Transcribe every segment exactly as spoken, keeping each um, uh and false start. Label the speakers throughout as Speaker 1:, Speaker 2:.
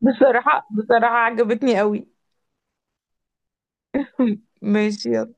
Speaker 1: بصراحة بصراحة عجبتني قوي. ماشي، يلا.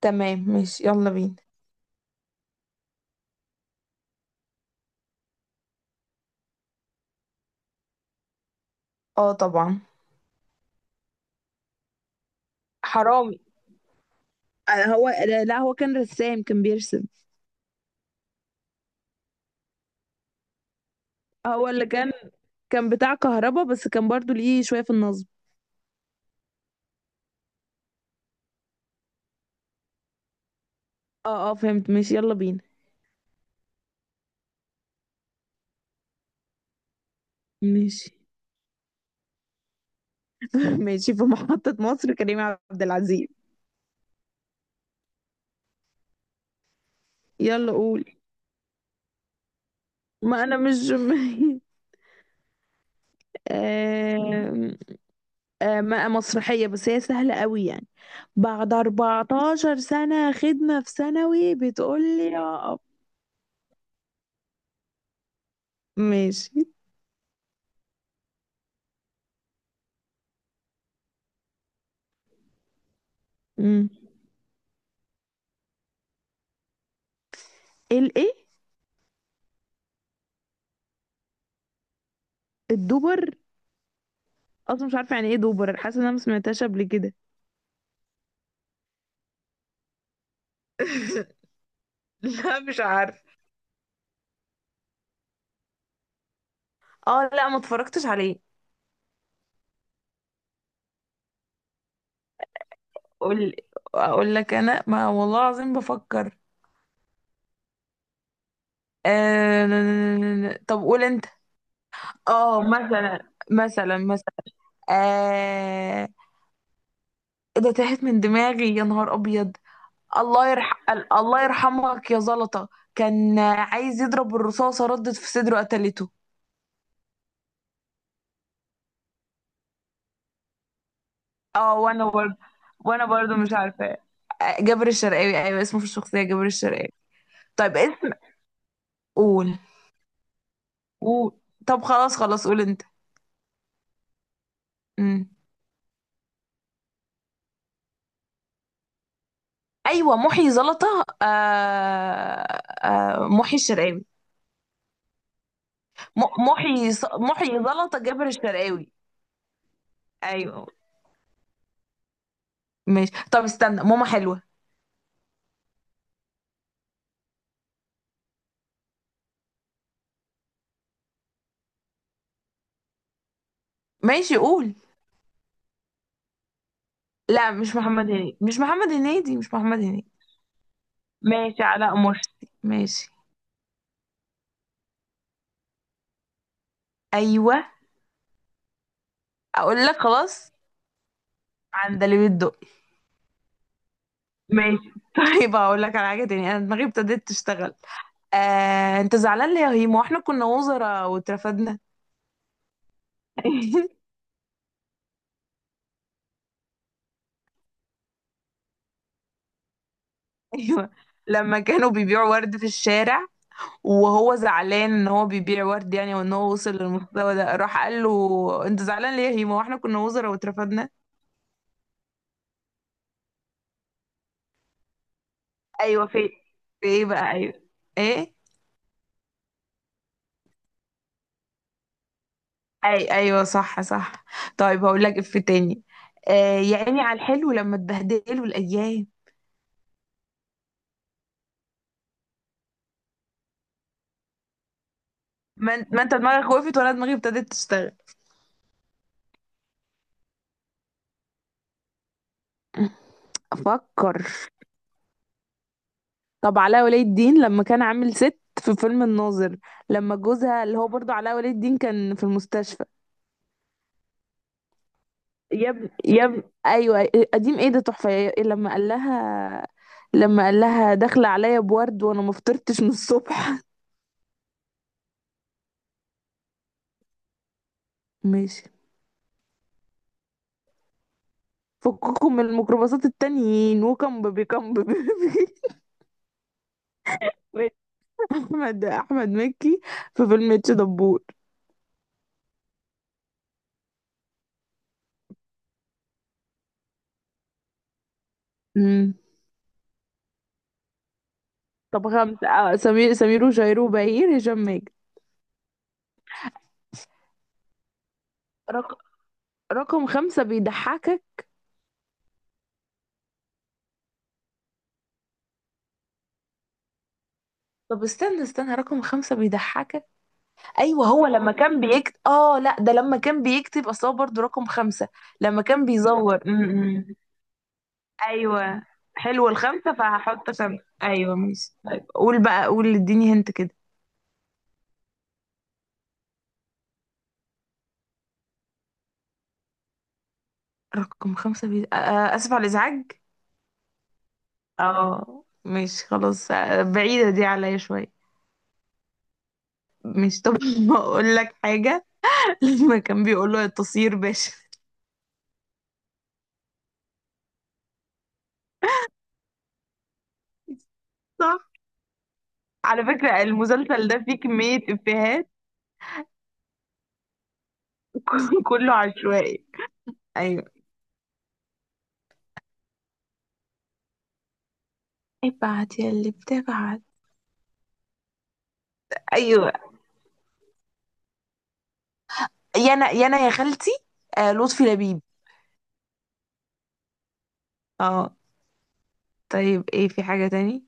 Speaker 1: تمام، ماشي يلا بينا. اه، طبعا. حرامي. أنا هو لا، لا، هو كان رسام، كان بيرسم. هو اللي كان كان بتاع كهربا، بس كان برضو ليه شوية في النصب. اه، اه، فهمت، ماشي يلا بينا. ماشي. ماشي، في محطة مصر، كريم عبد العزيز. يلا، قول. ما انا مش آه... آه، م- مسرحية، بس هي سهلة قوي يعني. بعد 14 سنة خدمة في ثانوي بتقول لي يا أب-. ماشي. امم. الايه؟ الدوبر. اصلا مش عارفة يعني ايه دوبر، حاسة ان انا ما سمعتهاش قبل كده. لا، مش عارف. اه، لا، ما اتفرجتش عليه. قول. اقول لك انا ما والله العظيم بفكر. آه... ن- ن- ن- ن- طب قول انت. اه، مثلا مثلا مثلا. آه... ايه ده؟ تاهت من دماغي يا نهار ابيض. الله يرح... الله يرحمك يا زلطة. كان عايز يضرب الرصاصة، ردت في صدره، قتلته. اه، وانا برضه وانا برضه مش عارفة. آه، جابر الشرقاوي، ايوه اسمه في الشخصية جابر الشرقاوي. طيب اسم. قول، قول. طب، خلاص خلاص، قول انت. مم. ايوه، محي زلطة، آه... آه... محي الشرقاوي. م... محي ص... محي زلطة، جابر الشرقاوي. ايوه. ماشي، طب استنى، ماما حلوة. ماشي، قول. لا، مش محمد هنيدي، مش محمد هنيدي، مش محمد هنيدي. ماشي، علاء مرسي، ماشي. ايوه. اقول لك، خلاص. عندليب الدقي. ماشي. طيب، هقول لك على حاجه تاني، انا دماغي ابتدت تشتغل. آه، انت زعلان ليه يا هيما واحنا كنا وزراء واترفدنا. ايوه. لما كانوا بيبيعوا ورد في الشارع، وهو زعلان ان هو بيبيع ورد يعني، وان هو وصل للمستوى ده، راح قال له انت زعلان ليه يا هيما واحنا كنا وزراء واترفدنا. ايوه، في. في ايه بقى؟ ايوه. ايه. اي ايوه، صح، صح. طيب، هقول لك اف تاني. آه يا عيني على الحلو لما اتبهدلوا الايام. ما, انت- ما انت دماغك وقفت ولا دماغي ابتدت تشتغل؟ افكر. طب علاء ولي الدين لما كان عامل ست في فيلم الناظر، لما جوزها اللي هو برضه علاء ولي الدين كان في المستشفى. يا ابني، يا ابني، ايوه قديم، ايه ده تحفه يا-. لما قال لها لما قال لها داخله عليا بورد وانا ما فطرتش من الصبح. ماشي. فككم من الميكروباصات التانيين، وكم بيبي كم بيبي. احمد احمد مكي في فيلم اتش دبور. امم. طب خمسة، آه سمير سمير وشهير وبهير، هشام ماجد. رق... رقم خمسة بيضحكك. طب استنى، استنى، رقم خمسة بيضحكك. أيوة، هو لما كان بيكتب، آه لأ، ده لما كان بيكتب، أصل هو برضه رقم خمسة. لما كان بيزور م-م. أيوة. حلو الخمسة، فهحط خمسة. أيوة، ماشي. طيب قول بقى، قول، اديني هنت كده. رقم خمسة بي... آه آه، آسف على الإزعاج. اه، مش خلاص، بعيدة دي عليا شوية. مش طب ما اقول لك حاجة. لما كان بيقول له التصير باشا. صح. على فكرة المسلسل ده فيه كمية إفيهات. كله عشوائي. ايوه. ابعت يا اللي بتبعت. ايوه، يا انا يا انا يا خالتي. آه لطفي لبيب. اه. طيب، ايه، في حاجة تاني؟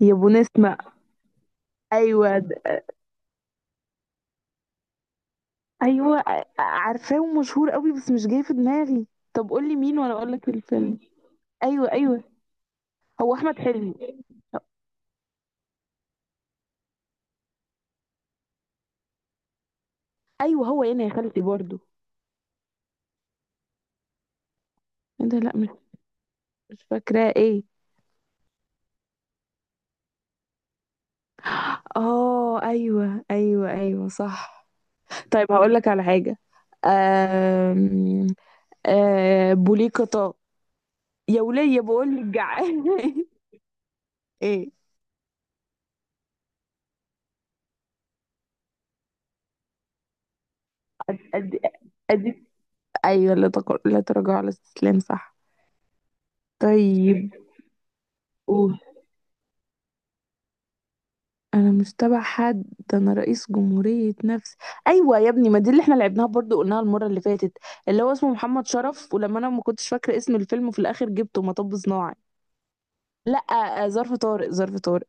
Speaker 1: يا بو نسمة. ايوه، ده. ايوه، آه، عارفاه ومشهور قوي، بس مش جاي في دماغي. طب قول لي مين وانا اقول لك الفيلم. ايوه، ايوه. هو احمد حلمي. ايوه، هو هنا يا خالتي برضو. انت لا، مش. مش فاكراه، ايه. اه، ايوه ايوه ايوه، صح. طيب، هقول لك على حاجه. أم... أم... بوليكتا. يا وليه بقول لك جعان. ايه. ادي، ادي. ايوه، لا تقر... لا تراجع على الاستسلام، صح. طيب قول. انا مش تبع حد، ده انا رئيس جمهورية نفسي. ايوه يا ابني، ما دي اللي احنا لعبناها برضو، قلناها المرة اللي فاتت، اللي هو اسمه محمد شرف، ولما انا ما كنتش فاكرة اسم الفيلم في الاخر جبته مطب صناعي. لا. آه، ظرف طارق، ظرف طارق.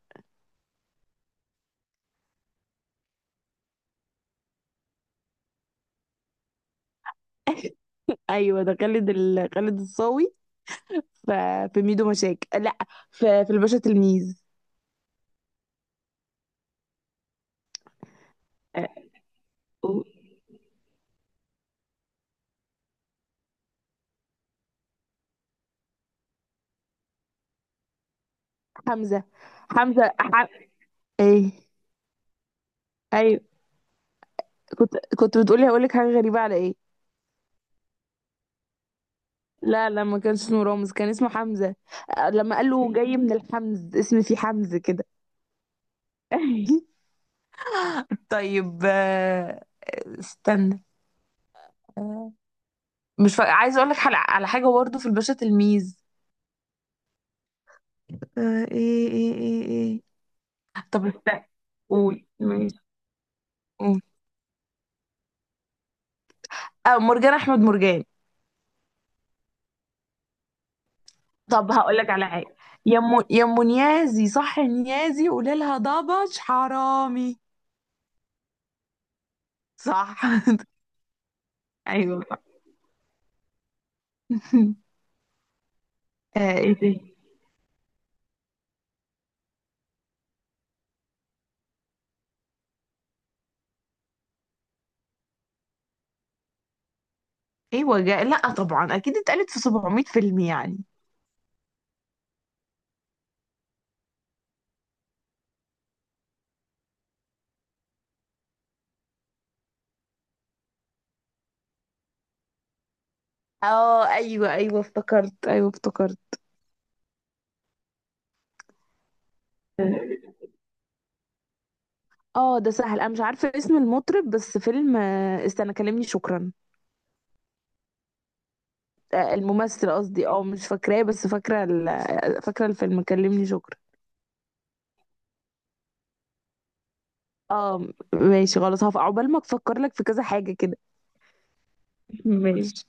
Speaker 1: ايوه ده خالد ال... خالد الصاوي. ف... في ميدو مشاكل، لا. في, في الباشا تلميذ. آه، أو- حمزة. حمزة ح... ايه. ايوه، كنت كنت بتقولي هقول لك حاجة غريبة على ايه. لا، لا، ما كانش اسمه رامز، كان اسمه حمزة. آه، لما قال له جاي من الحمز، اسم فيه حمز كده. طيب. آه، استنى. آه، مش فا... عايزه اقول لك على على حاجه برضه في الباشا تلميذ. آه، ايه، ايه، ايه، ايه. طب استنى. قول، ماشي، قول. اه، مرجان، احمد مرجان. طب هقول لك على حاجه. يا ام، يا ام نيازي، صح يا نيازي، قولي لها ضبش حرامي. صح. ايوه، صح. آه، ايه تاني؟ ايوه، جا... لا طبعا، اكيد اتقالت في 700 فيلم يعني. اه، ايوه ايوه افتكرت، ايوه افتكرت. اه، ده سهل، انا مش عارفه اسم المطرب، بس فيلم آه، استنى، كلمني شكرا. آه، الممثل قصدي، اه مش فاكراه، بس فاكره ال... آه، فاكره الفيلم كلمني شكرا. اه، ماشي، خلاص، هقف عقبال ما افكر لك في كذا حاجه كده. ماشي.